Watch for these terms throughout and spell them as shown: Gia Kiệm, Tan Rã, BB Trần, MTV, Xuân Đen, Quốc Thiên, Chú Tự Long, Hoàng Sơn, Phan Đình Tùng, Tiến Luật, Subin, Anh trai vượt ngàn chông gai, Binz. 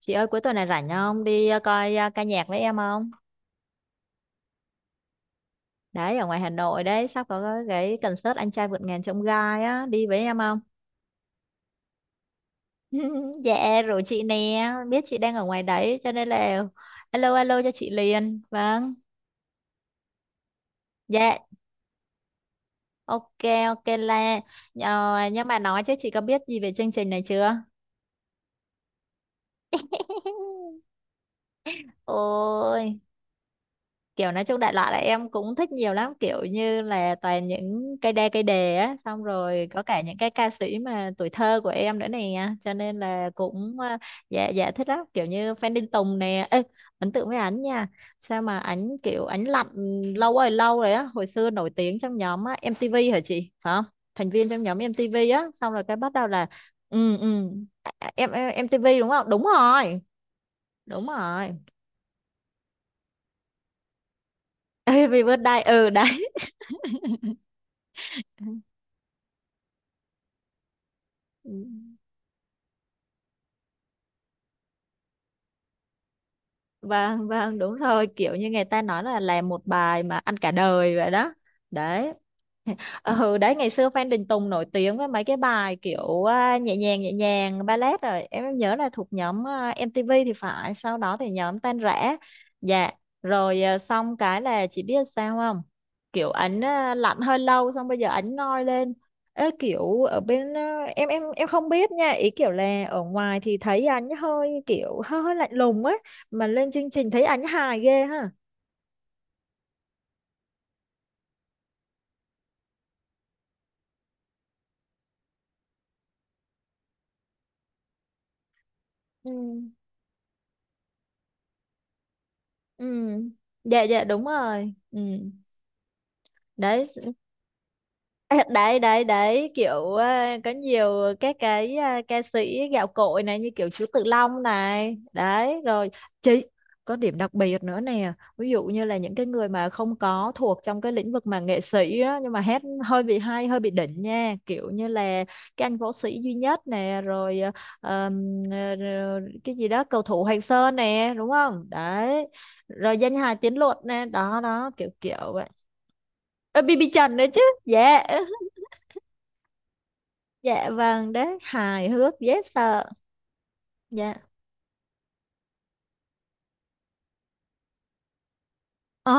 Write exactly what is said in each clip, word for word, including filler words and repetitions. Chị ơi cuối tuần này rảnh không? Đi ờ, coi ờ, ca nhạc với em không? Đấy ở ngoài Hà Nội đấy, sắp có cái cái concert Anh trai vượt ngàn chông gai á, đi với em không? Dạ rồi chị nè, biết chị đang ở ngoài đấy cho nên là alo alo cho chị liền. Vâng. Dạ. Ok, ok là Ờ, nhưng mà nói chứ chị có biết gì về chương trình này chưa? Ôi, kiểu nói chung đại loại là em cũng thích nhiều lắm, kiểu như là toàn những cây đa cây đề á, xong rồi có cả những cái ca sĩ mà tuổi thơ của em nữa nè, cho nên là cũng à, dạ dạ thích lắm, kiểu như Phan Đình Tùng nè. Ê, ấn tượng với ảnh nha, sao mà ảnh kiểu ảnh lặn lâu rồi lâu rồi á, hồi xưa nổi tiếng trong nhóm á, em tê vê hả chị, phải không, thành viên trong nhóm em tê vê á, xong rồi cái bắt đầu là ừ ừ à, à, em, em MTV đúng không, đúng rồi. Đúng rồi. Happy birthday, ừ đấy. Ừ. Vâng vâng đúng rồi, kiểu như người ta nói là làm một bài mà ăn cả đời vậy đó. Đấy. Ừ đấy, ngày xưa Phan Đình Tùng nổi tiếng với mấy cái bài kiểu à, nhẹ nhàng nhẹ nhàng, ballet, rồi em nhớ là thuộc nhóm à, em tê vê thì phải, sau đó thì nhóm Tan Rã. Dạ, rồi à, xong cái là chị biết sao không, kiểu ảnh à, lạnh hơi lâu, xong bây giờ ảnh ngoi lên. Ê, kiểu ở bên à, em em em không biết nha, ý kiểu là ở ngoài thì thấy ảnh hơi kiểu hơi, hơi lạnh lùng ấy, mà lên chương trình thấy ảnh hài ghê ha. Ừ. Ừ. Dạ dạ đúng rồi. Ừ đấy. À, đấy đấy đấy kiểu à, có nhiều các cái à, ca sĩ gạo cội này, như kiểu Chú Tự Long này, đấy rồi chị, có điểm đặc biệt nữa nè, ví dụ như là những cái người mà không có thuộc trong cái lĩnh vực mà nghệ sĩ á, nhưng mà hát hơi bị hay, hơi bị đỉnh nha, kiểu như là cái anh võ sĩ duy nhất nè, rồi à, ờm, à, rồi cái gì đó cầu thủ Hoàng Sơn nè, đúng không, đấy rồi danh hài Tiến Luật nè, đó đó, kiểu kiểu vậy. Ơ, bi bi Trần nữa chứ. Dạ. Dạ vâng, đấy, hài hước, dễ sợ. Dạ. Ồ,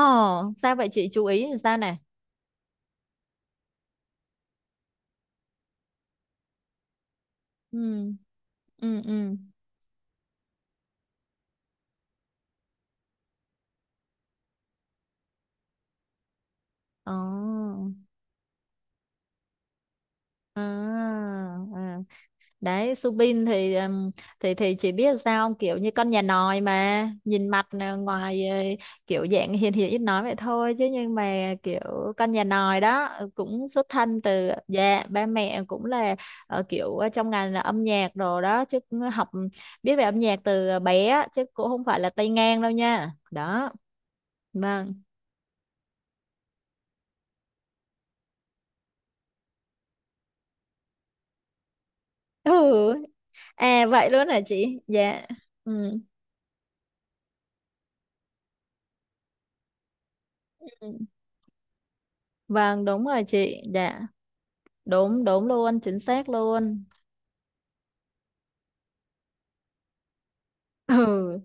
sao vậy chị, chú ý làm sao nè? Ừ, ừ, ừ. Ồ, à, à. Đấy, Subin thì ừm, thì thì chỉ biết sao không? Kiểu như con nhà nòi, mà nhìn mặt là ngoài ờ, kiểu dạng hiền hiền ít nói vậy thôi chứ, nhưng mà kiểu con nhà nòi đó, ờ, cũng xuất thân từ, dạ, ba mẹ cũng là ờ, kiểu ờ, trong ngành là âm nhạc đồ đó chứ, cũng học biết về âm nhạc từ ờ, bé á, chứ cũng không phải là tay ngang đâu nha. Đó, vâng. Ừ, à vậy luôn hả chị. Dạ. Ừ, ừ, vâng đúng rồi chị. Dạ đúng đúng luôn, chính xác luôn. Ừ,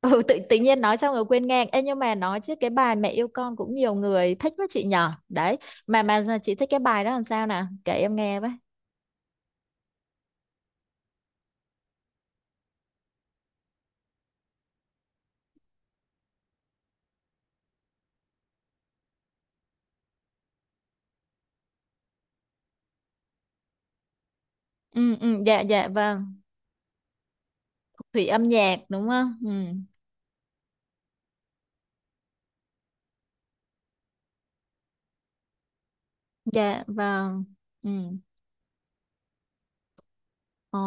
ừ, tự tự nhiên nói xong rồi quên ngang. Ê, nhưng mà nói chứ cái bài mẹ yêu con cũng nhiều người thích với chị nhỏ đấy, mà mà chị thích cái bài đó làm sao nè, kể em nghe với. Ừ ừ dạ dạ vâng. Thủy âm nhạc đúng không. Ừ dạ vâng. Ừ. Ờ,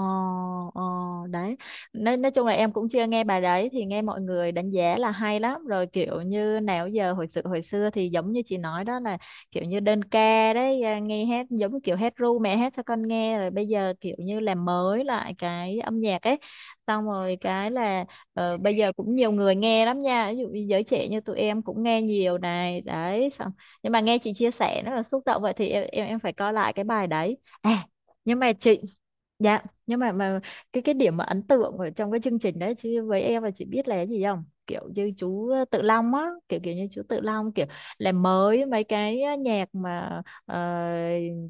ờ, đấy, nói, nói chung là em cũng chưa nghe bài đấy, thì nghe mọi người đánh giá là hay lắm rồi, kiểu như nào giờ hồi sự hồi xưa thì giống như chị nói đó là kiểu như đơn ca đấy, à, nghe hát giống kiểu hát ru mẹ hát cho con nghe, rồi bây giờ kiểu như làm mới lại cái âm nhạc ấy, xong rồi cái là ờ, bây giờ cũng nhiều người nghe lắm nha, ví dụ như giới trẻ như tụi em cũng nghe nhiều này, đấy xong, nhưng mà nghe chị chia sẻ nó là xúc động vậy thì em em, em phải coi lại cái bài đấy. À, nhưng mà chị, dạ, nhưng mà mà cái cái điểm mà ấn tượng ở trong cái chương trình đấy chứ với em là chị biết là cái gì không? Kiểu như chú ờ, Tự Long á, kiểu kiểu như chú Tự Long kiểu làm mới mấy cái ờ, nhạc mà ờ,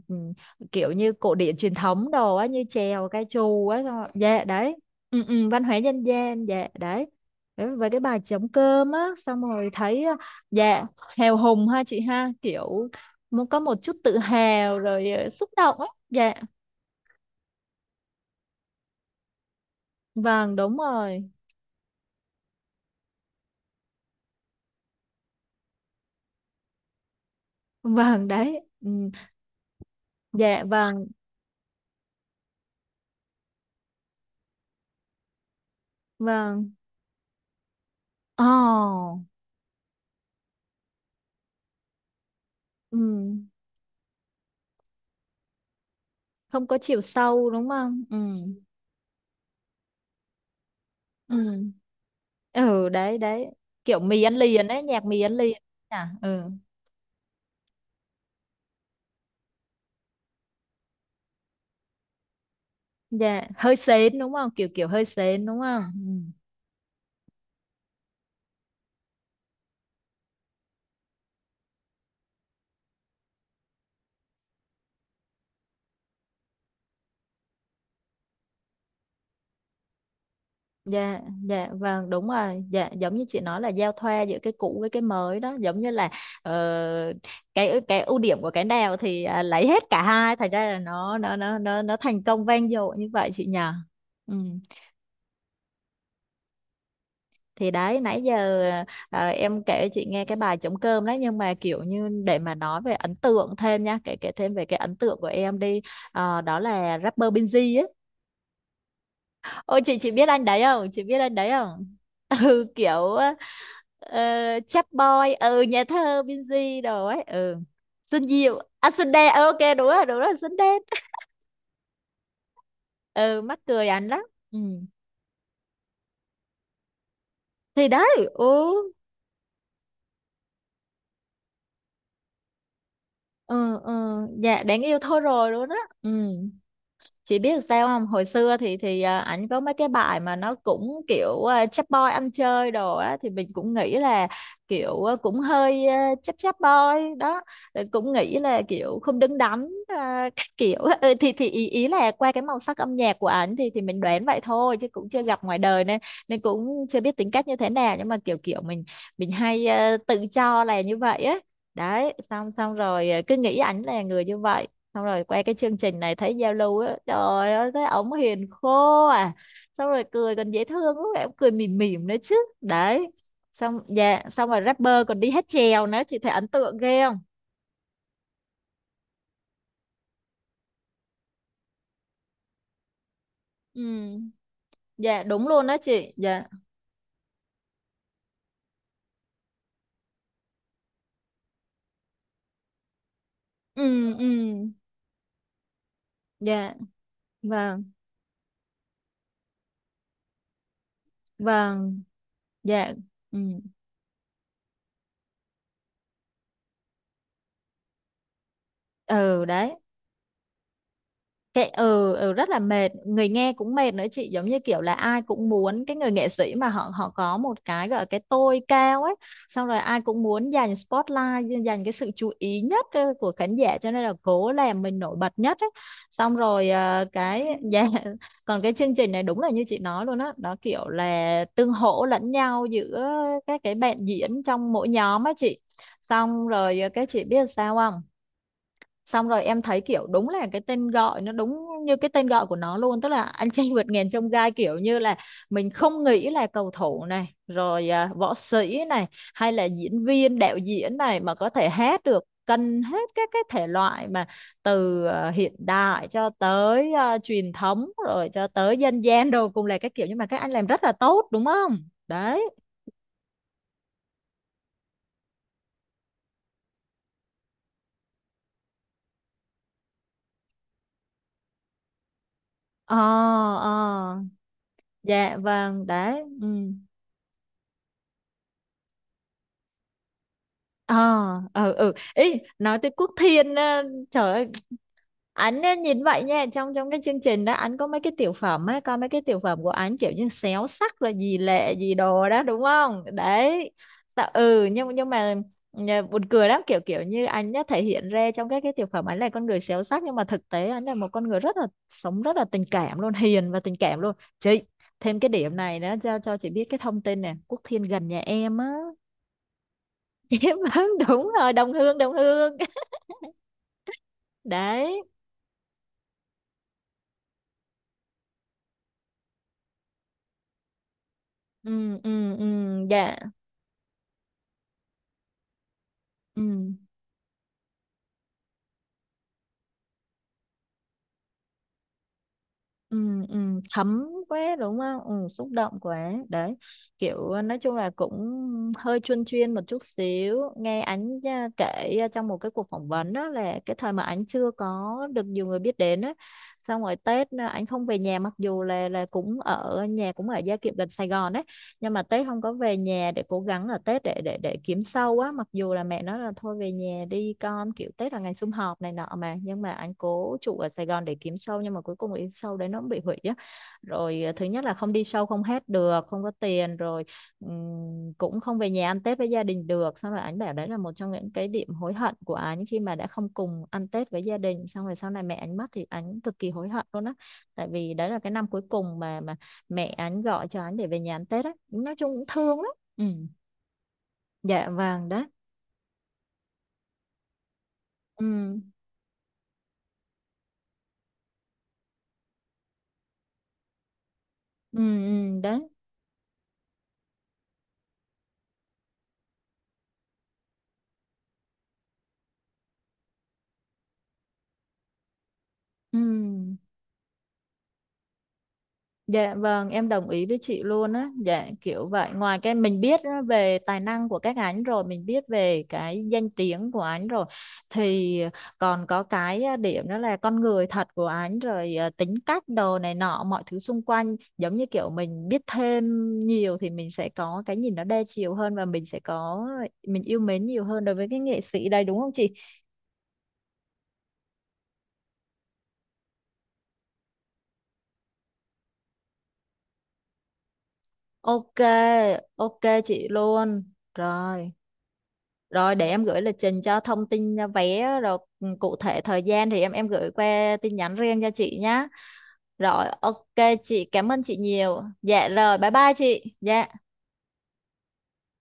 ừm, kiểu như cổ điển truyền thống đồ á, như chèo ca trù á, xong rồi, dạ đấy. Ừ, ừ, văn hóa dân gian, dạ đấy. Đấy, với cái bài trống cơm á, xong rồi thấy ờ, dạ hào hùng ha chị ha, kiểu muốn có một chút tự hào rồi ờ, xúc động á. Dạ. Vâng, đúng rồi. Vâng đấy. Ừ. Dạ vâng, vâng. Ồ. Ừ. Không có chiều sâu đúng không? Ừ. Ừ. Ừ đấy đấy. Kiểu mì ăn liền ấy, nhạc mì ăn liền à. Ừ. Dạ, hơi sến đúng không? Kiểu kiểu hơi sến đúng không? Ừ. Dạ, dạ vâng đúng rồi. Dạ giống như chị nói là giao thoa giữa cái cũ với cái mới đó, giống như là ờ, cái cái ưu điểm của cái nào thì à, lấy hết cả hai, thành ra là nó nó nó nó nó thành công vang dội như vậy, chị nhỉ? Ừ. Thì đấy nãy giờ ờ, em kể chị nghe cái bài trống cơm đấy, nhưng mà kiểu như để mà nói về ấn tượng thêm nha, kể kể thêm về cái ấn tượng của em đi. Ờ, đó là rapper Binz ấy. Ôi, chị chị biết anh đấy không, chị biết anh đấy không? Ừ kiểu ờ, chap boy, ừ nhà thơ Binz đồ ấy. Ừ, Xuân Diệu à, Xuân Đen, ờ, ok đúng rồi đúng rồi, Xuân Đen. Ừ mắc cười anh lắm. Ừ thì đấy. Ừ ừ ừ. Dạ đáng yêu thôi rồi luôn á. Ừ, chị biết sao không, hồi xưa thì thì à, ảnh có mấy cái bài mà nó cũng kiểu à, chap boy ăn chơi đồ á, thì mình cũng nghĩ là kiểu à, cũng hơi à, chap chap boy đó. Rồi cũng nghĩ là kiểu không đứng đắn à, các kiểu. Ừ, thì thì ý, ý là qua cái màu sắc âm nhạc của ảnh thì thì mình đoán vậy thôi chứ cũng chưa gặp ngoài đời, nên nên cũng chưa biết tính cách như thế nào, nhưng mà kiểu kiểu mình mình hay à, tự cho là như vậy á. Đấy, xong xong rồi à, cứ nghĩ ảnh là người như vậy. Xong rồi quay cái chương trình này thấy Zalo á, trời ơi thấy ổng hiền khô à, xong rồi cười còn dễ thương, lúc nào cũng cười mỉm mỉm nữa chứ. Đấy xong, dạ, xong rồi rapper còn đi hát chèo nữa, chị thấy ấn tượng ghê không. Ừ. Dạ đúng luôn đó chị. Dạ. Ừ ừ. Dạ. Vâng vâng. Dạ. Ừ. Ừ đấy. Chạy, ừ, ừ rất là mệt, người nghe cũng mệt nữa chị, giống như kiểu là ai cũng muốn cái người nghệ sĩ mà họ họ có một cái gọi là cái tôi cao ấy, xong rồi ai cũng muốn giành spotlight, giành cái sự chú ý nhất ờ, của khán giả, cho nên là cố làm mình nổi bật nhất ấy. Xong rồi ờ, cái dạ, còn cái chương trình này đúng là như chị nói luôn á, nó kiểu là tương hỗ lẫn nhau giữa các cái bạn diễn trong mỗi nhóm á chị. Xong rồi ờ, các chị biết sao không? Xong rồi em thấy kiểu đúng là cái tên gọi nó đúng như cái tên gọi của nó luôn, tức là anh trai vượt ngàn chông gai, kiểu như là mình không nghĩ là cầu thủ này rồi à, võ sĩ này, hay là diễn viên đạo diễn này mà có thể hát được cân hết các cái thể loại, mà từ à, hiện đại cho tới à, truyền thống rồi cho tới dân gian đồ, cùng là cái kiểu, nhưng mà các anh làm rất là tốt đúng không. Đấy. Ờ, ờ, dạ vâng đấy. Ừ. Ờ, ờ, ừ, ý nói tới Quốc Thiên á, trời ơi, ảnh á, nhìn vậy nha, trong trong cái chương trình đó anh có mấy cái tiểu phẩm á, coi mấy cái tiểu phẩm của anh kiểu như xéo sắc rồi gì lệ gì đồ đó đúng không. Đấy, Tạ- ừ nhưng nhưng mà nhờ- buồn cười lắm, kiểu kiểu như anh đã thể hiện ra trong các cái tiểu phẩm ảnh là con người xéo sắc, nhưng mà thực tế anh là một con người rất là sống, rất là tình cảm luôn, hiền và tình cảm luôn chị. Thêm cái điểm này nữa cho cho chị biết cái thông tin nè, Quốc Thiên gần nhà em á. Yếm ấm. Đúng rồi, đồng hương đồng hương. Đấy. Ừ ừ ừ. Dạ. Ừ ừ ừ. Thấm quá đúng không, ừ, xúc động quá đấy, kiểu ờ, nói chung là cũng hơi chuyên chuyên một chút xíu, nghe ảnh à, kể à, trong một cái cuộc phỏng vấn đó là cái thời mà ảnh chưa có được nhiều người biết đến á, xong rồi Tết à, ảnh không về nhà, mặc dù là là cũng ở nhà cũng ở Gia Kiệm gần Sài Gòn á, nhưng mà Tết không có về nhà để cố gắng ở Tết để để để kiếm sau á, mặc dù là mẹ nói là thôi về nhà đi con, kiểu Tết là ngày sum họp này nọ mà, nhưng mà anh cố trụ ở Sài Gòn để kiếm show, nhưng mà cuối cùng cái show đấy nó cũng bị hủy á, rồi ờ, thứ nhất là không đi show không hết được, không có tiền, rồi ừm, cũng không về nhà ăn Tết với gia đình được, xong rồi anh bảo đấy là một trong những cái điểm hối hận của anh, khi mà đã không cùng ăn Tết với gia đình, xong rồi sau này mẹ anh mất thì anh cực kỳ hối hận luôn á, tại vì đấy là cái năm cuối cùng mà mà mẹ anh gọi cho anh để về nhà ăn Tết á, nói chung cũng thương lắm. Ừ. Dạ vàng đó. Ừ ừ ừ. Đấy. Ừ. Dạ vâng, em đồng ý với chị luôn á. Dạ kiểu vậy, ngoài cái mình biết á về tài năng của các anh rồi, mình biết về cái danh tiếng của anh rồi, thì còn có cái à, điểm đó là con người thật của anh, rồi à, tính cách đồ này nọ, mọi thứ xung quanh, giống như kiểu mình biết thêm nhiều thì mình sẽ có cái nhìn nó đa chiều hơn, và mình sẽ có, mình yêu mến nhiều hơn đối với cái nghệ sĩ đây đúng không chị? Ok, ok chị luôn. Rồi. Rồi để em gửi lịch trình, cho thông tin uh, vé rồi, ừ, cụ thể thời gian thì em em gửi qua tin nhắn riêng cho chị nhá. Rồi ok, chị cảm ơn chị nhiều. Dạ rồi, bye bye chị. Dạ.